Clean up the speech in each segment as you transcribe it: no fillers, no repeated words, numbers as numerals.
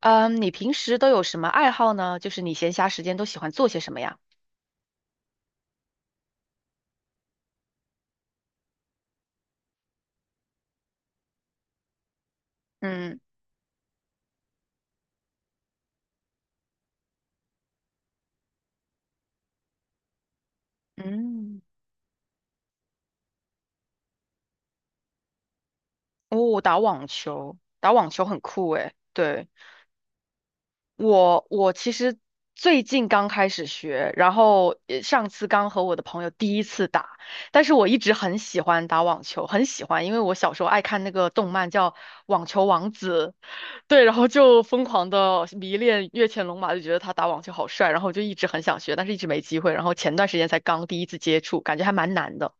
嗯，你平时都有什么爱好呢？就是你闲暇时间都喜欢做些什么呀？嗯嗯，哦，打网球，打网球很酷诶。对，我其实最近刚开始学，然后上次刚和我的朋友第一次打，但是我一直很喜欢打网球，很喜欢，因为我小时候爱看那个动漫叫《网球王子》，对，然后就疯狂的迷恋越前龙马，就觉得他打网球好帅，然后就一直很想学，但是一直没机会。然后前段时间才刚第一次接触，感觉还蛮难的。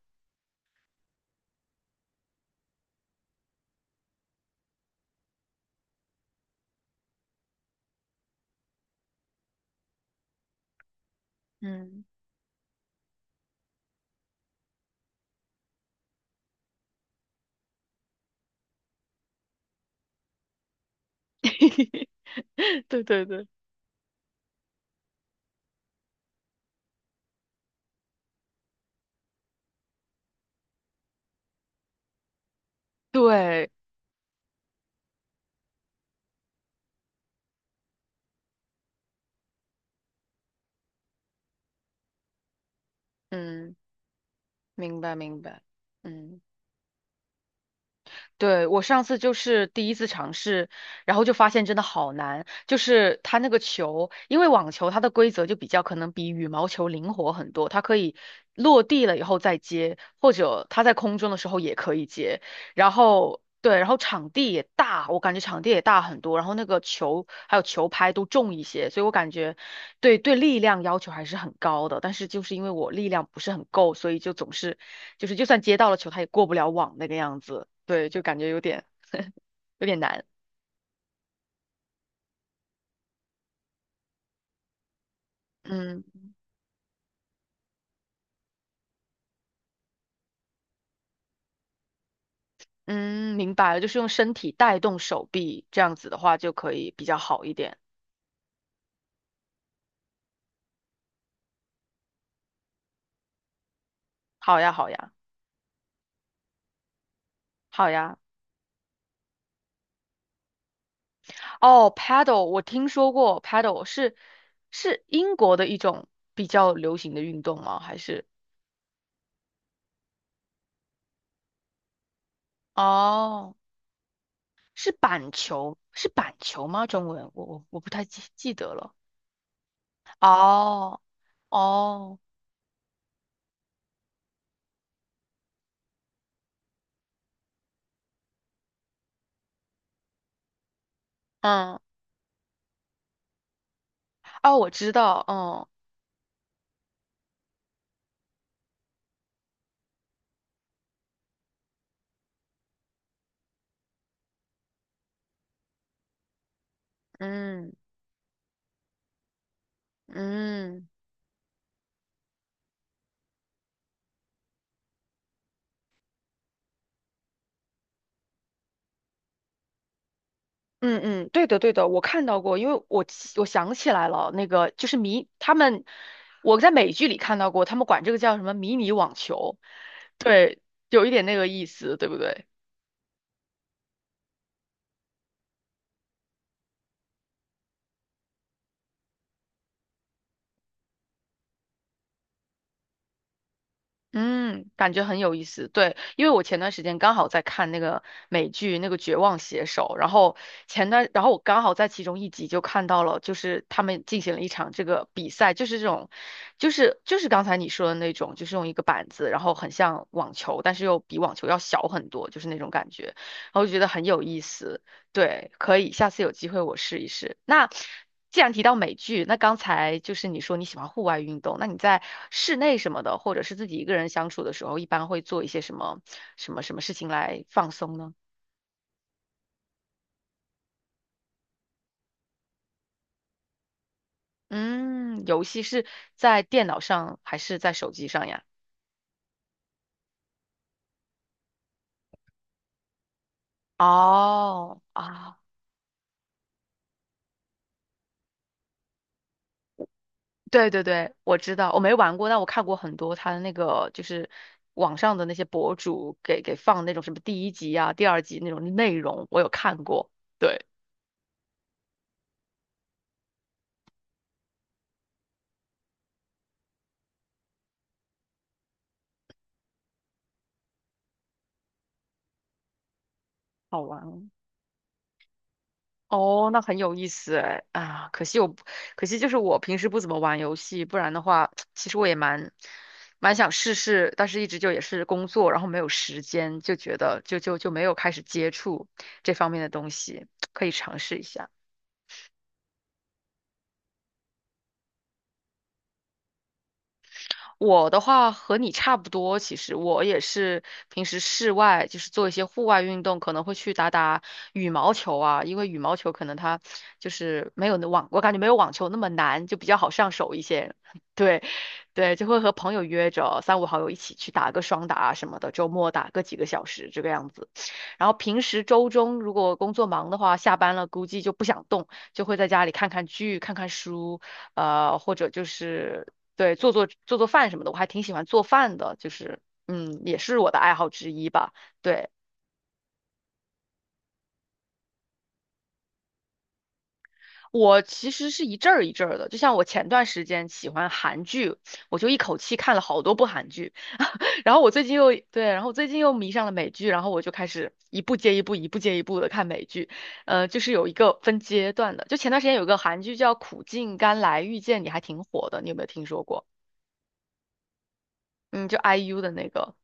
嗯，对对对对，嗯，明白明白，嗯。对，我上次就是第一次尝试，然后就发现真的好难。就是它那个球，因为网球它的规则就比较可能比羽毛球灵活很多，它可以落地了以后再接，或者它在空中的时候也可以接。然后对，然后场地也大，我感觉场地也大很多，然后那个球还有球拍都重一些，所以我感觉对对力量要求还是很高的，但是就是因为我力量不是很够，所以就总是就是就算接到了球，他也过不了网那个样子。对，就感觉有点 有点难。嗯嗯，明白了，就是用身体带动手臂，这样子的话就可以比较好一点。好呀，好呀，好呀。哦，paddle 我听说过，paddle 是英国的一种比较流行的运动吗？还是？哦。是板球，是板球吗？中文我不太记得了。哦哦，嗯，哦，我知道，嗯嗯嗯嗯嗯，对的对的，我看到过，因为我想起来了，那个就是迷他们，我在美剧里看到过，他们管这个叫什么迷你网球，对，有一点那个意思，对不对？嗯，感觉很有意思。对，因为我前段时间刚好在看那个美剧那个《绝望写手》，然后前段，然后我刚好在其中一集就看到了，就是他们进行了一场这个比赛，就是这种，就是刚才你说的那种，就是用一个板子，然后很像网球，但是又比网球要小很多，就是那种感觉，然后我就觉得很有意思。对，可以，下次有机会我试一试。那既然提到美剧，那刚才就是你说你喜欢户外运动，那你在室内什么的，或者是自己一个人相处的时候，一般会做一些什么事情来放松呢？嗯，游戏是在电脑上还是在手机上呀？哦啊，对对对，我知道，我没玩过，但我看过很多他的那个，就是网上的那些博主给放那种什么第一集啊、第二集那种内容，我有看过。对。好玩哦。哦那很有意思哎啊！可惜我不可惜就是我平时不怎么玩游戏，不然的话，其实我也蛮想试试，但是一直就也是工作，然后没有时间，就觉得就没有开始接触这方面的东西，可以尝试一下。我的话和你差不多，其实我也是平时室外就是做一些户外运动，可能会去打打羽毛球啊，因为羽毛球可能它就是没有那网，我感觉没有网球那么难，就比较好上手一些。对，对，就会和朋友约着三五好友一起去打个双打啊什么的，周末打个几个小时这个样子。然后平时周中如果工作忙的话，下班了估计就不想动，就会在家里看看剧、看看书，或者就是对，做做做做饭什么的，我还挺喜欢做饭的，就是也是我的爱好之一吧。对，我其实是一阵儿一阵儿的，就像我前段时间喜欢韩剧，我就一口气看了好多部韩剧，然后我最近又对，然后最近又迷上了美剧，然后我就开始一部接一部，一部接一部的看美剧，就是有一个分阶段的。就前段时间有个韩剧叫《苦尽甘来遇见你》，还挺火的，你有没有听说过？嗯，就 IU 的那个。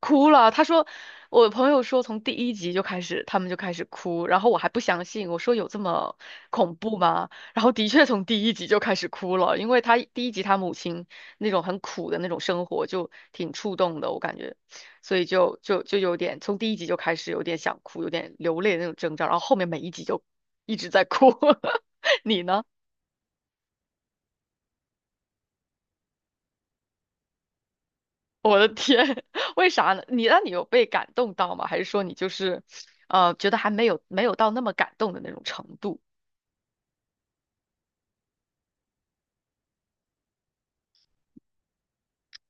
哭了。他说，我朋友说从第一集就开始，他们就开始哭，然后我还不相信，我说有这么恐怖吗？然后的确从第一集就开始哭了，因为他第一集他母亲那种很苦的那种生活就挺触动的，我感觉，所以就有点从第一集就开始有点想哭，有点流泪的那种征兆，然后后面每一集就一直在哭。你呢？我的天，为啥呢？你有被感动到吗？还是说你就是，觉得还没有到那么感动的那种程度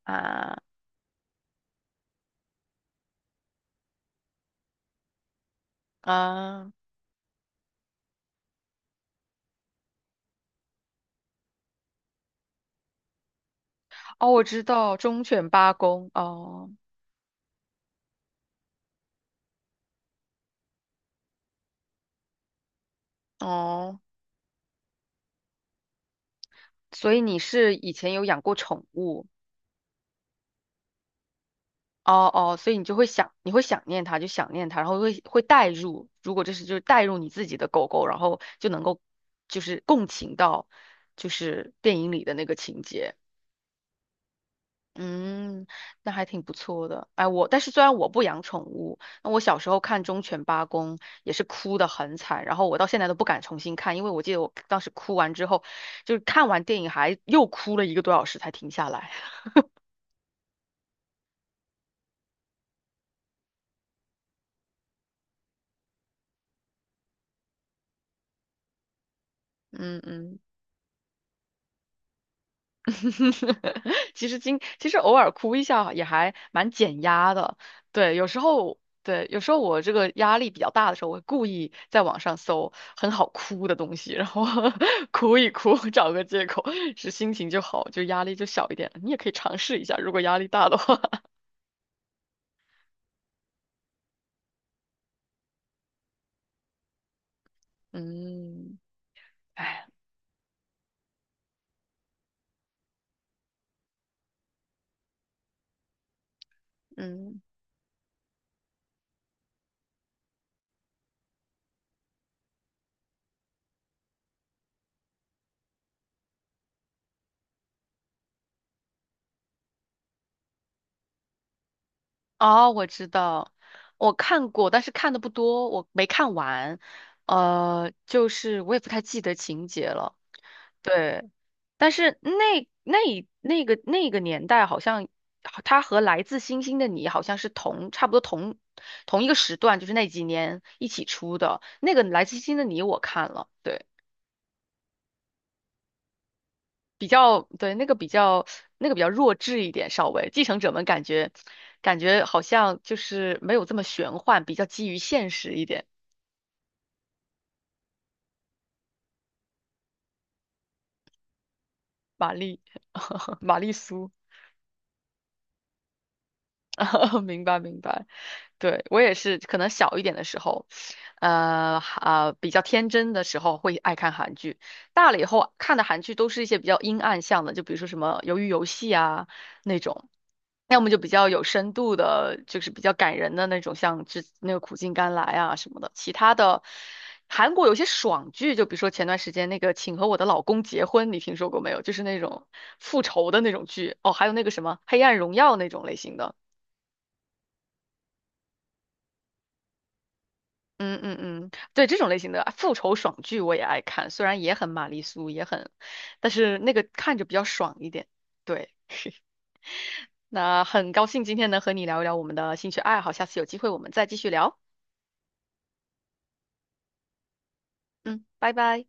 啊啊？哦，我知道忠犬八公哦哦，所以你是以前有养过宠物哦哦，所以你就会想你会想念它，就想念它，然后会代入，如果这是就是代入你自己的狗狗，然后就能够就是共情到就是电影里的那个情节。嗯，那还挺不错的。哎，我但是虽然我不养宠物，那我小时候看《忠犬八公》也是哭得很惨，然后我到现在都不敢重新看，因为我记得我当时哭完之后，就是看完电影还又哭了一个多小时才停下来。嗯嗯。其实偶尔哭一下也还蛮减压的，对，有时候对，有时候我这个压力比较大的时候，我会故意在网上搜很好哭的东西，然后 哭一哭，找个借口，是心情就好，就压力就小一点了你也可以尝试一下，如果压力大的话，嗯，哎，嗯，哦，我知道，我看过，但是看的不多，我没看完，就是我也不太记得情节了，对。但是那个年代，好像他和《来自星星的你》好像是差不多同一个时段，就是那几年一起出的那个《来自星星的你》，我看了，对，比较对那个比较那个比较弱智一点，稍微《继承者们》感觉好像就是没有这么玄幻，比较基于现实一点。玛丽，玛丽苏，明白明白。对，我也是，可能小一点的时候，比较天真的时候会爱看韩剧，大了以后看的韩剧都是一些比较阴暗向的，就比如说什么《鱿鱼游戏》啊那种，要么就比较有深度的，就是比较感人的那种，像那个《苦尽甘来》啊什么的。其他的韩国有些爽剧，就比如说前段时间那个《请和我的老公结婚》，你听说过没有？就是那种复仇的那种剧哦，还有那个什么《黑暗荣耀》那种类型的。嗯嗯嗯，对这种类型的啊复仇爽剧我也爱看，虽然也很玛丽苏，也很，但是那个看着比较爽一点。对，那很高兴今天能和你聊一聊我们的兴趣爱好，下次有机会我们再继续聊。嗯，拜拜。